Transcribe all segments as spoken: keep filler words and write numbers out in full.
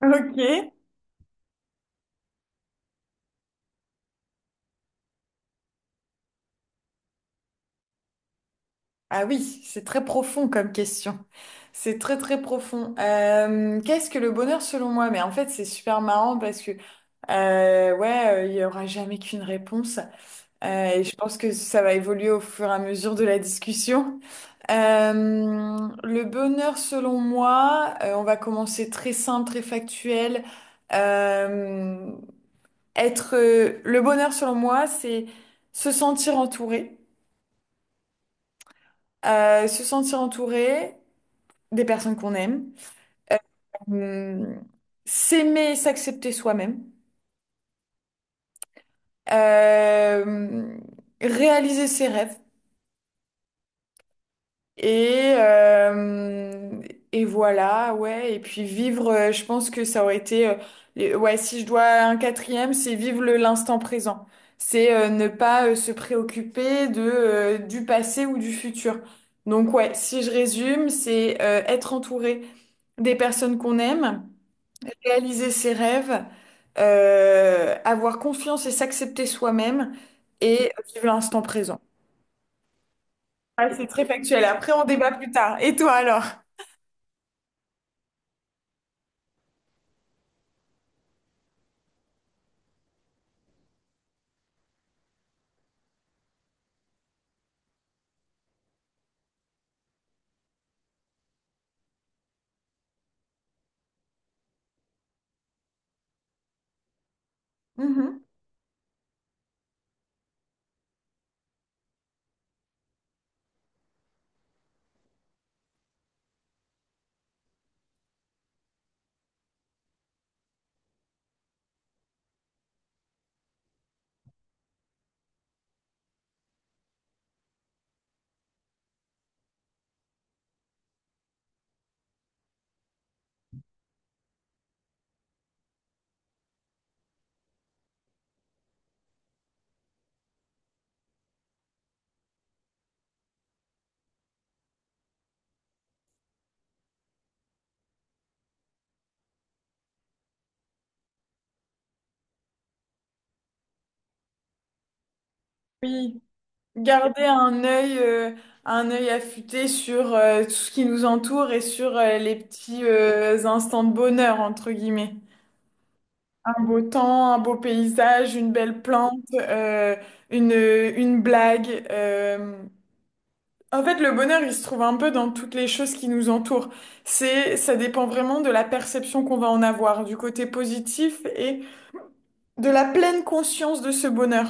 Ok. Ah oui, c'est très profond comme question. C'est très très profond. Euh, qu'est-ce que le bonheur selon moi? Mais en fait, c'est super marrant parce que euh, ouais, euh, il y aura jamais qu'une réponse. Euh, et je pense que ça va évoluer au fur et à mesure de la discussion. Euh, le bonheur selon moi, euh, on va commencer très simple, très factuel. Euh, être euh, Le bonheur selon moi, c'est se sentir entouré. Euh, se sentir entouré des personnes qu'on aime, euh, s'aimer et s'accepter soi-même, euh, réaliser ses rêves et, euh, et voilà, ouais, et puis vivre, euh, je pense que ça aurait été, euh, les- ouais, si je dois un quatrième, c'est vivre le- l'instant présent. C'est euh, ne pas euh, se préoccuper de, euh, du passé ou du futur. Donc ouais, si je résume, c'est euh, être entouré des personnes qu'on aime réaliser ses rêves, euh, avoir confiance et s'accepter soi-même et vivre l'instant présent. Ah, c'est très factuel. Après, on débat plus tard. Et toi alors? Mhm. Oui, garder un œil, euh, un œil affûté sur euh, tout ce qui nous entoure et sur euh, les petits euh, instants de bonheur, entre guillemets. Un beau temps, un beau paysage, une belle plante, euh, une, une blague. euh, En fait, le bonheur, il se trouve un peu dans toutes les choses qui nous entourent. C'est, ça dépend vraiment de la perception qu'on va en avoir, du côté positif et de la pleine conscience de ce bonheur.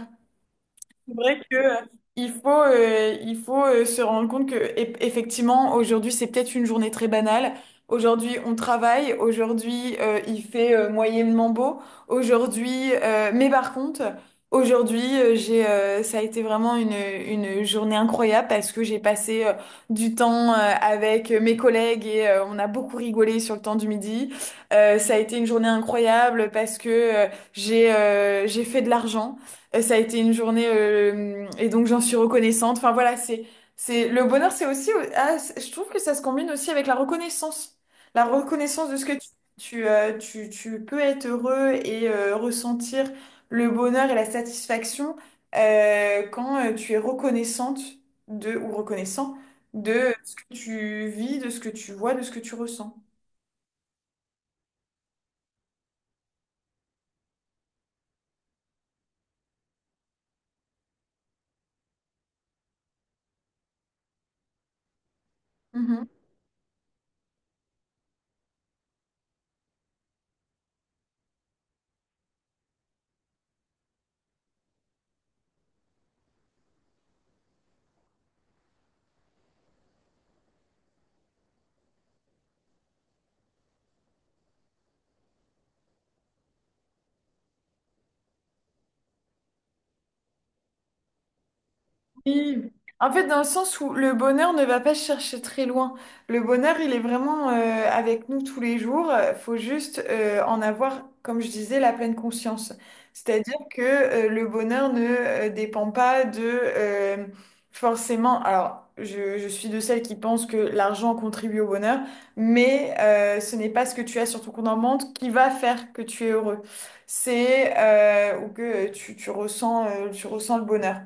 C'est vrai que euh, il faut, euh, il faut euh, se rendre compte que eff- effectivement aujourd'hui c'est peut-être une journée très banale. Aujourd'hui on travaille, aujourd'hui euh, il fait euh, moyennement beau, aujourd'hui euh, mais par contre aujourd'hui euh, j'ai euh, ça a été vraiment une une journée incroyable parce que j'ai passé euh, du temps euh, avec mes collègues et euh, on a beaucoup rigolé sur le temps du midi. Euh, ça a été une journée incroyable parce que euh, j'ai euh, j'ai fait de l'argent. Et ça a été une journée euh, et donc j'en suis reconnaissante. Enfin voilà, c'est c'est le bonheur, c'est aussi ah, c'est- je trouve que ça se combine aussi avec la reconnaissance, la reconnaissance de ce que tu tu euh, tu, tu peux être heureux et euh, ressentir le bonheur et la satisfaction euh, quand euh, tu es reconnaissante de ou reconnaissant de ce que tu vis, de ce que tu vois, de ce que tu ressens. Mhm. Oui. En fait, dans le sens où le bonheur ne va pas chercher très loin. Le bonheur, il est vraiment euh, avec nous tous les jours. Il faut juste euh, en avoir, comme je disais, la pleine conscience. C'est-à-dire que euh, le bonheur ne euh, dépend pas de euh, forcément. Alors, je, je suis de celles qui pensent que l'argent contribue au bonheur, mais euh, ce n'est pas ce que tu as sur ton compte en banque qui va faire que tu es heureux. C'est euh, ou que tu, tu ressens, euh, tu ressens le bonheur.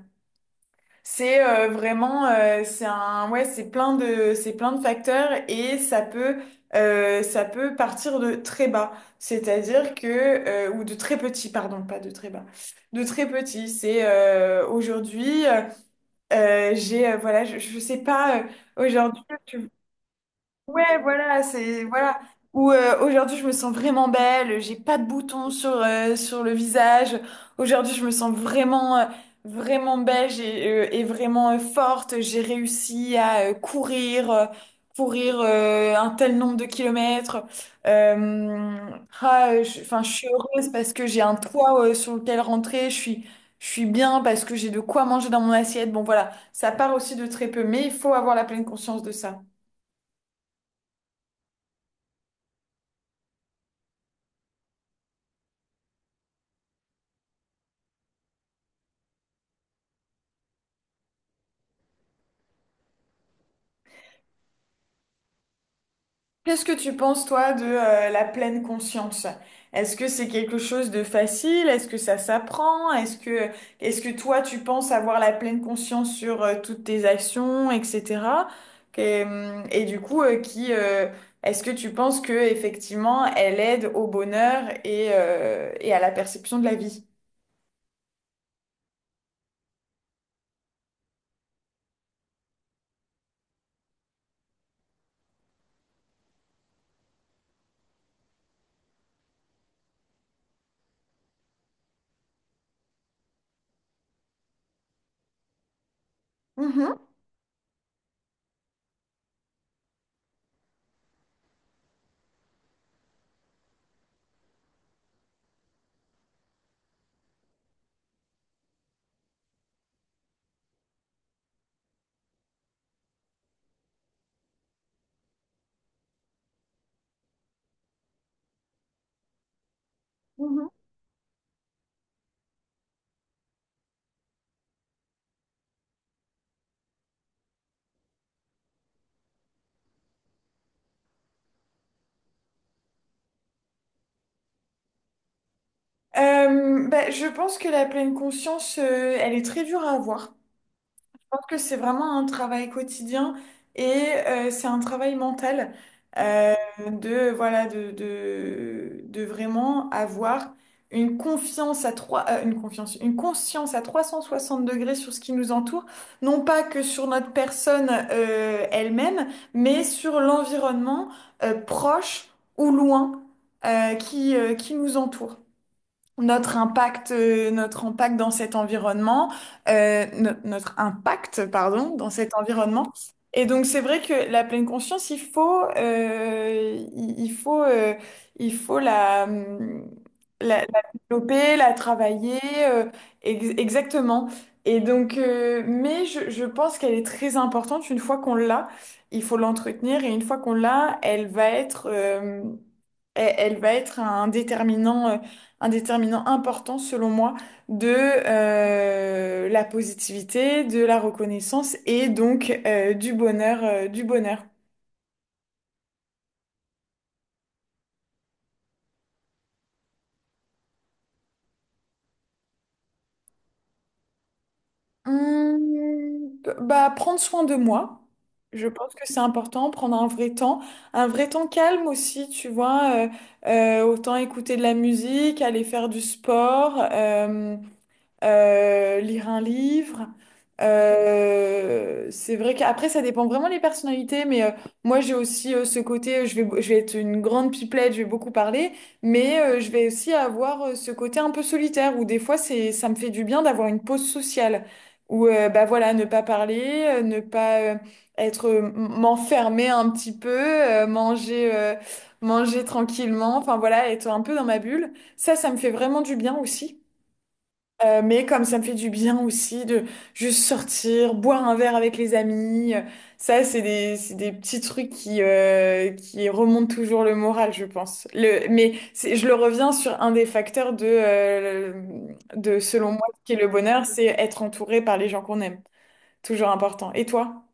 C'est euh, vraiment, euh, c'est un, ouais, c'est plein de, c'est plein de facteurs et ça peut, euh, ça peut partir de très bas, c'est-à-dire que, euh, ou de très petit, pardon, pas de très bas, de très petit. C'est euh, aujourd'hui, euh, euh, j'ai, euh, voilà, je, je sais pas, euh, aujourd'hui, ouais, voilà, c'est voilà. Ou euh, aujourd'hui je me sens vraiment belle, j'ai pas de boutons sur euh, sur le visage. Aujourd'hui je me sens vraiment euh, vraiment belle j'ai, euh, et vraiment euh, forte. J'ai réussi à euh, courir euh, courir euh, un tel nombre de kilomètres. Euh, ah, euh, je, enfin je suis heureuse parce que j'ai un toit euh, sur lequel rentrer. Je suis je suis bien parce que j'ai de quoi manger dans mon assiette. Bon voilà, ça part aussi de très peu, mais il faut avoir la pleine conscience de ça. Qu'est-ce que tu penses, toi, de euh, la pleine conscience? Est-ce que c'est quelque chose de facile? Est-ce que ça s'apprend? Est-ce que, est-ce que toi, tu penses avoir la pleine conscience sur euh, toutes tes actions, et cetera? Et, hum, et du coup, euh, qui, euh, est-ce que tu penses que effectivement, elle aide au bonheur et, euh, et à la perception de la vie? Mhm, mhm. Euh, bah, je pense que la pleine conscience, euh, elle est très dure à avoir. Pense que c'est vraiment un travail quotidien et euh, c'est un travail mental, euh, de voilà de, de, de vraiment avoir une confiance à trois euh, une confiance une conscience à trois cent soixante degrés sur ce qui nous entoure, non pas que sur notre personne euh, elle-même mais sur l'environnement euh, proche ou loin euh, qui euh, qui nous entoure, notre impact, euh, notre impact dans cet environnement, euh, no- notre impact, pardon, dans cet environnement. Et donc c'est vrai que la pleine conscience, il faut, euh, il il faut, euh, il faut la, hum, la, la développer, la travailler, euh, ex- exactement. Et donc, euh, mais je, je pense qu'elle est très importante. Une fois qu'on l'a, il faut l'entretenir. Et une fois qu'on l'a, elle va être, euh, elle, elle va être un déterminant, euh, un déterminant important selon moi de euh, la positivité, de la reconnaissance et donc euh, du bonheur, euh, du bonheur. Hum, Bah, prendre soin de moi. Je pense que c'est important, prendre un vrai temps, un vrai temps calme aussi, tu vois. Euh, euh, autant écouter de la musique, aller faire du sport. Euh, euh, lire un livre. Euh, c'est vrai qu'après, ça dépend vraiment des personnalités, mais euh, moi, j'ai aussi euh, ce côté, euh, je vais, je vais être une grande pipelette, je vais beaucoup parler, mais euh, je vais aussi avoir euh, ce côté un peu solitaire, où des fois, c'est, ça me fait du bien d'avoir une pause sociale, où, euh, bah voilà, ne pas parler, euh, ne pas euh, être, euh, m- m'enfermer un petit peu, euh, manger, euh, manger tranquillement, enfin voilà, être un peu dans ma bulle. Ça, ça me fait vraiment du bien aussi. Euh, mais comme ça me fait du bien aussi de juste sortir, boire un verre avec les amis, euh, ça c'est des, c'est des petits trucs qui, euh, qui remontent toujours le moral, je pense. Le, mais c'est- je le reviens sur un des facteurs de, euh, de, selon moi, ce qui est le bonheur, c'est être entouré par les gens qu'on aime. Toujours important. Et toi?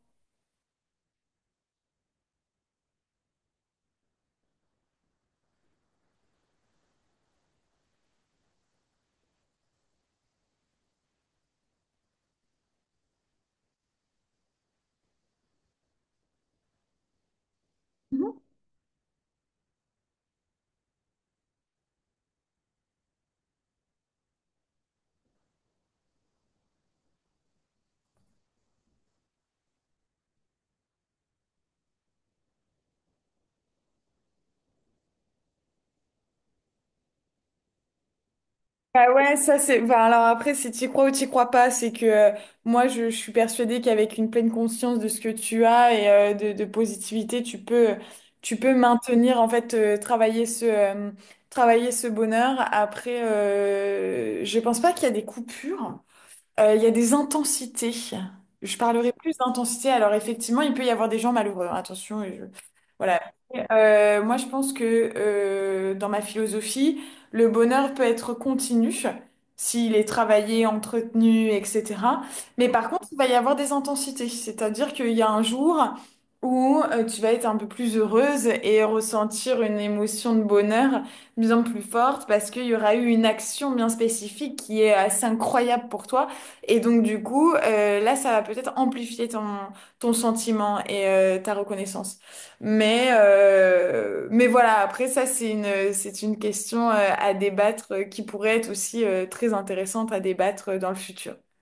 Bah ouais, ça c'est. Bah alors après, si tu crois ou tu crois pas, c'est que euh, moi je, je suis persuadée qu'avec une pleine conscience de ce que tu as et euh, de, de positivité, tu peux, tu peux maintenir en fait, euh, travailler ce, euh, travailler ce bonheur. Après, euh, je pense pas qu'il y a des coupures. Euh, Il y a des intensités. Je parlerai plus d'intensité. Alors effectivement, il peut y avoir des gens malheureux, hein, attention, et je- voilà. Euh, moi, je pense que euh, dans ma philosophie, le bonheur peut être continu s'il est travaillé, entretenu, et cetera. Mais par contre, il va y avoir des intensités. C'est-à-dire qu'il y a un jour où euh, tu vas être un peu plus heureuse et ressentir une émotion de bonheur bien plus forte parce qu'il y aura eu une action bien spécifique qui est assez incroyable pour toi. Et donc, du coup, euh, là, ça va peut-être amplifier ton, ton sentiment et euh, ta reconnaissance. Mais, euh, mais voilà, après, ça, c'est une, c'est une question euh, à débattre euh, qui pourrait être aussi euh, très intéressante à débattre euh, dans le futur.